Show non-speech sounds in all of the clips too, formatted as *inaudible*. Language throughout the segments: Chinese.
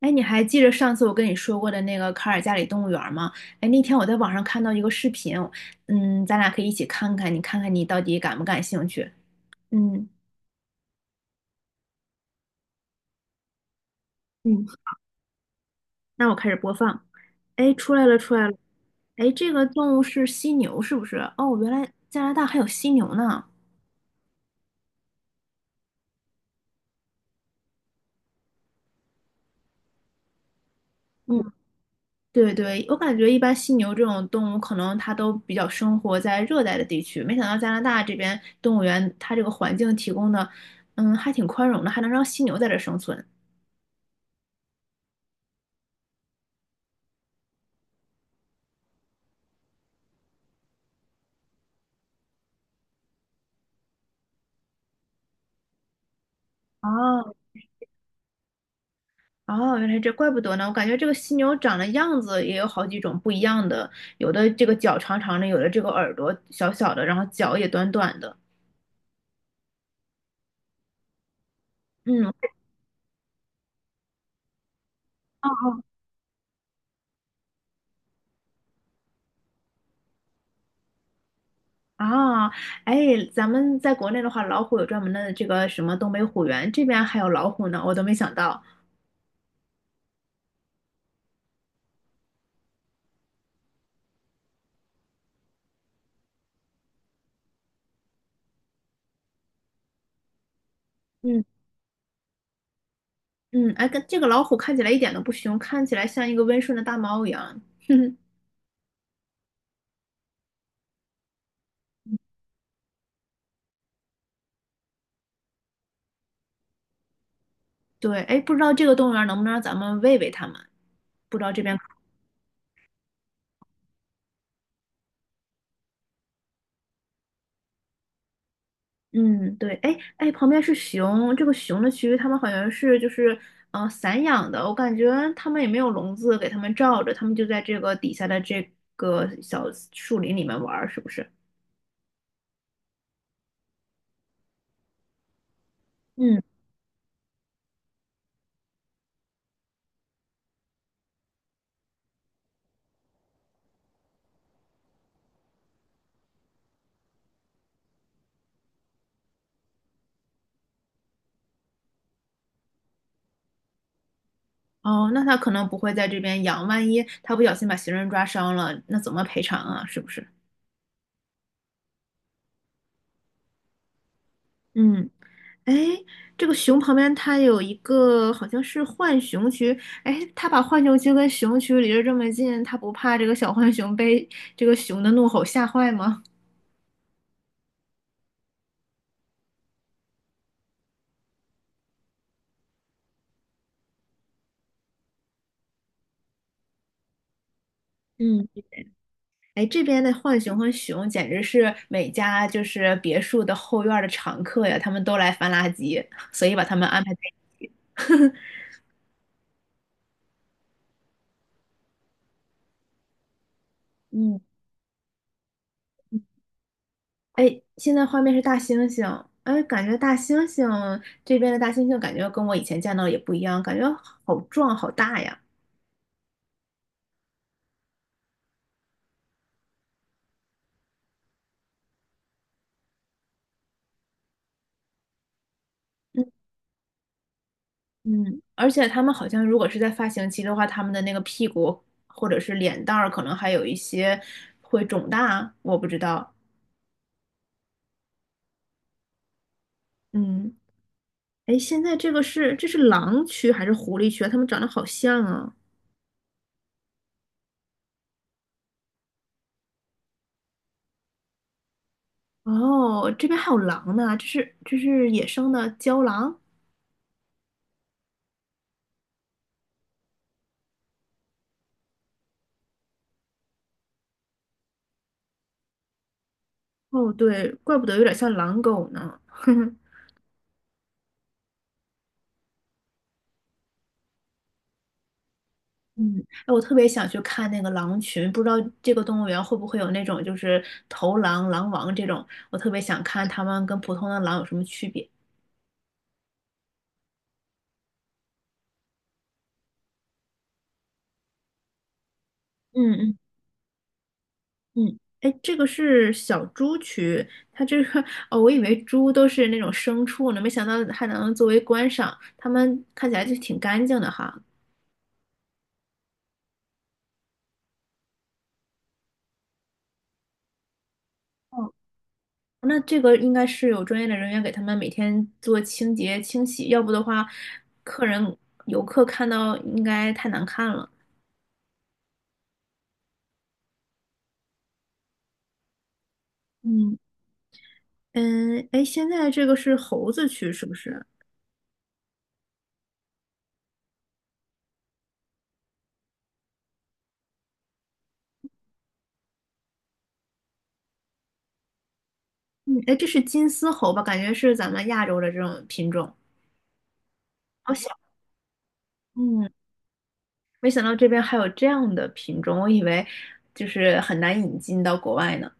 哎，你还记得上次我跟你说过的那个卡尔加里动物园儿吗？哎，那天我在网上看到一个视频，咱俩可以一起看看，你看看你到底感不感兴趣？嗯。嗯，那我开始播放。哎，出来了，出来了。哎，这个动物是犀牛，是不是？哦，原来加拿大还有犀牛呢。嗯，对对，我感觉一般犀牛这种动物，可能它都比较生活在热带的地区。没想到加拿大这边动物园，它这个环境提供的，还挺宽容的，还能让犀牛在这生存。哦哦，原来怪不得呢。我感觉这个犀牛长的样子也有好几种不一样的，有的这个脚长长的，有的这个耳朵小小的，然后脚也短短的。嗯，哦哦啊。哎，咱们在国内的话，老虎有专门的这个什么东北虎园，这边还有老虎呢，我都没想到。嗯嗯。哎，跟这个老虎看起来一点都不凶，看起来像一个温顺的大猫一样。*laughs* 哼哼，对。哎，不知道这个动物园能不能让咱们喂喂它们？不知道这边。嗯，对。哎哎，旁边是熊，这个熊的区域,它们好像是散养的，我感觉它们也没有笼子给它们罩着，它们就在这个底下的这个小树林里面玩儿，是不是？嗯。哦，那它可能不会在这边养，万一它不小心把行人抓伤了，那怎么赔偿啊？是不是？嗯。哎，这个熊旁边它有一个好像是浣熊区，哎，它把浣熊区跟熊区离得这么近，它不怕这个小浣熊被这个熊的怒吼吓坏吗？嗯。哎，这边的浣熊和熊简直是每家别墅的后院儿的常客呀，他们都来翻垃圾，所以把他们安排在。嗯。哎，现在画面是大猩猩，哎，感觉大猩猩这边的大猩猩感觉跟我以前见到的也不一样，感觉好壮好大呀。嗯嗯。而且他们好像如果是在发情期的话，他们的那个屁股或者是脸蛋儿可能还有一些会肿大，我不知道。嗯。哎，现在这个是狼区还是狐狸区啊？它们长得好像啊。哦，这边还有狼呢，这是野生的郊狼。哦，对，怪不得有点像狼狗呢。*laughs* 嗯。哎，我特别想去看那个狼群，不知道这个动物园会不会有那种头狼、狼王这种，我特别想看它们跟普通的狼有什么区别。嗯嗯。哎，这个是小猪区，它这个 *laughs* 哦，我以为猪都是那种牲畜呢，没想到还能作为观赏，它们看起来就挺干净的哈。哦，那这个应该是有专业的人员给他们每天做清洁清洗，要不的话，客人游客看到应该太难看了。嗯嗯。哎，现在这个是猴子区是不是？嗯。哎，这是金丝猴吧？感觉是咱们亚洲的这种品种，好小。嗯，没想到这边还有这样的品种，我以为很难引进到国外呢。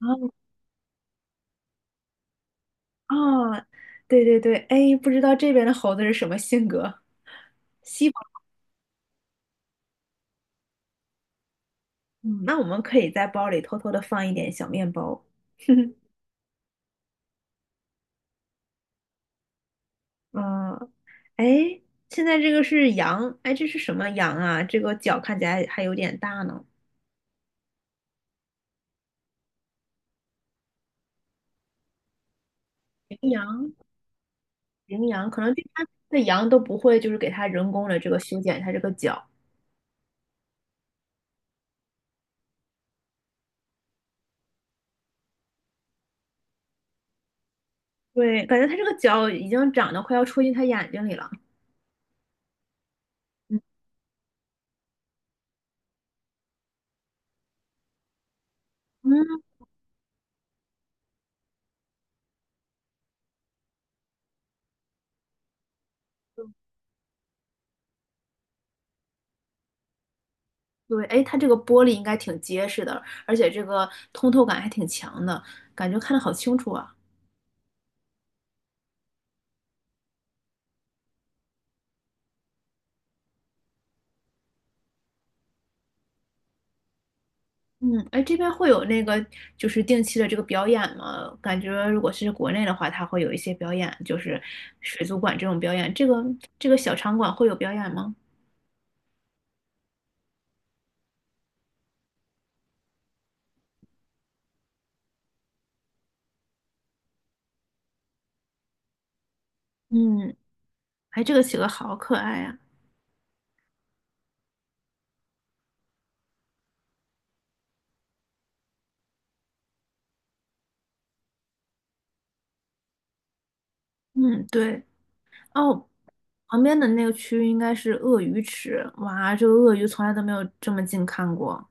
哦哦，对对对。哎，不知道这边的猴子是什么性格。西瓜。嗯，那我们可以在包里偷偷的放一点小面包。*laughs* 嗯。哎，现在这个是羊，哎，这是什么羊啊？这个角看起来还有点大呢。羚羊，羚羊，可能这边的羊都不会，给它人工的这个修剪它这个角。对，感觉它这个角已经长得快要戳进它眼睛里了。嗯，对。哎，它这个玻璃应该挺结实的，而且这个通透感还挺强的，感觉看的好清楚啊。嗯。哎，这边会有那个定期的这个表演吗？感觉如果是国内的话，它会有一些表演，水族馆这种表演。这个小场馆会有表演吗？嗯。哎，这个企鹅好可爱呀、嗯，对。哦，旁边的那个区域应该是鳄鱼池，哇，这个鳄鱼从来都没有这么近看过。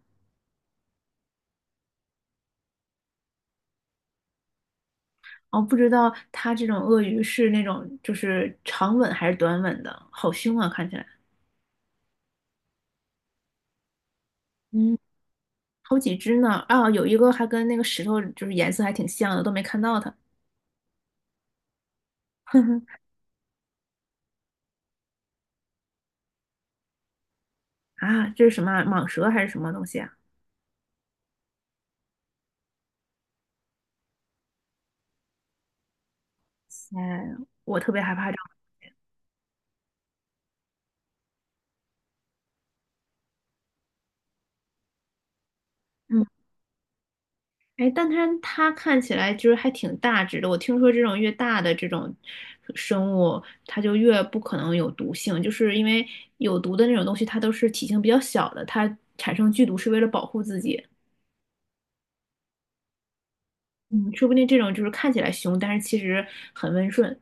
哦，不知道它这种鳄鱼是那种长吻还是短吻的，好凶啊，看起来。嗯，好几只呢，啊，有一个还跟那个石头颜色还挺像的，都没看到它啊，这是什么啊蟒蛇还是什么东西啊？哎，我特别害怕这种。嗯。哎，但它看起来还挺大只的，我听说这种越大的这种生物，它就越不可能有毒性，因为有毒的那种东西，它都是体型比较小的，它产生剧毒是为了保护自己。嗯，说不定这种看起来凶，但是其实很温顺。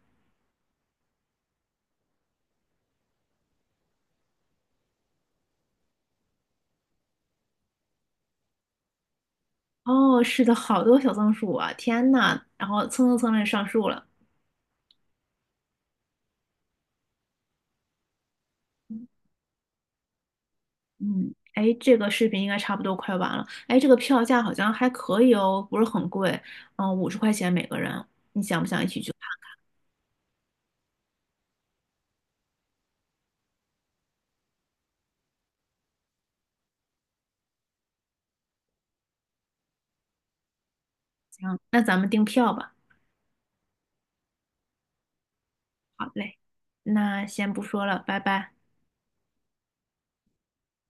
哦，是的，好多小松鼠啊，天呐，然后蹭蹭蹭的上树了。嗯。哎，这个视频应该差不多快完了。哎，这个票价好像还可以哦，不是很贵，嗯，50块钱每个人。你想不想一起去看？行，那咱们订票吧。好嘞，那先不说了，拜拜。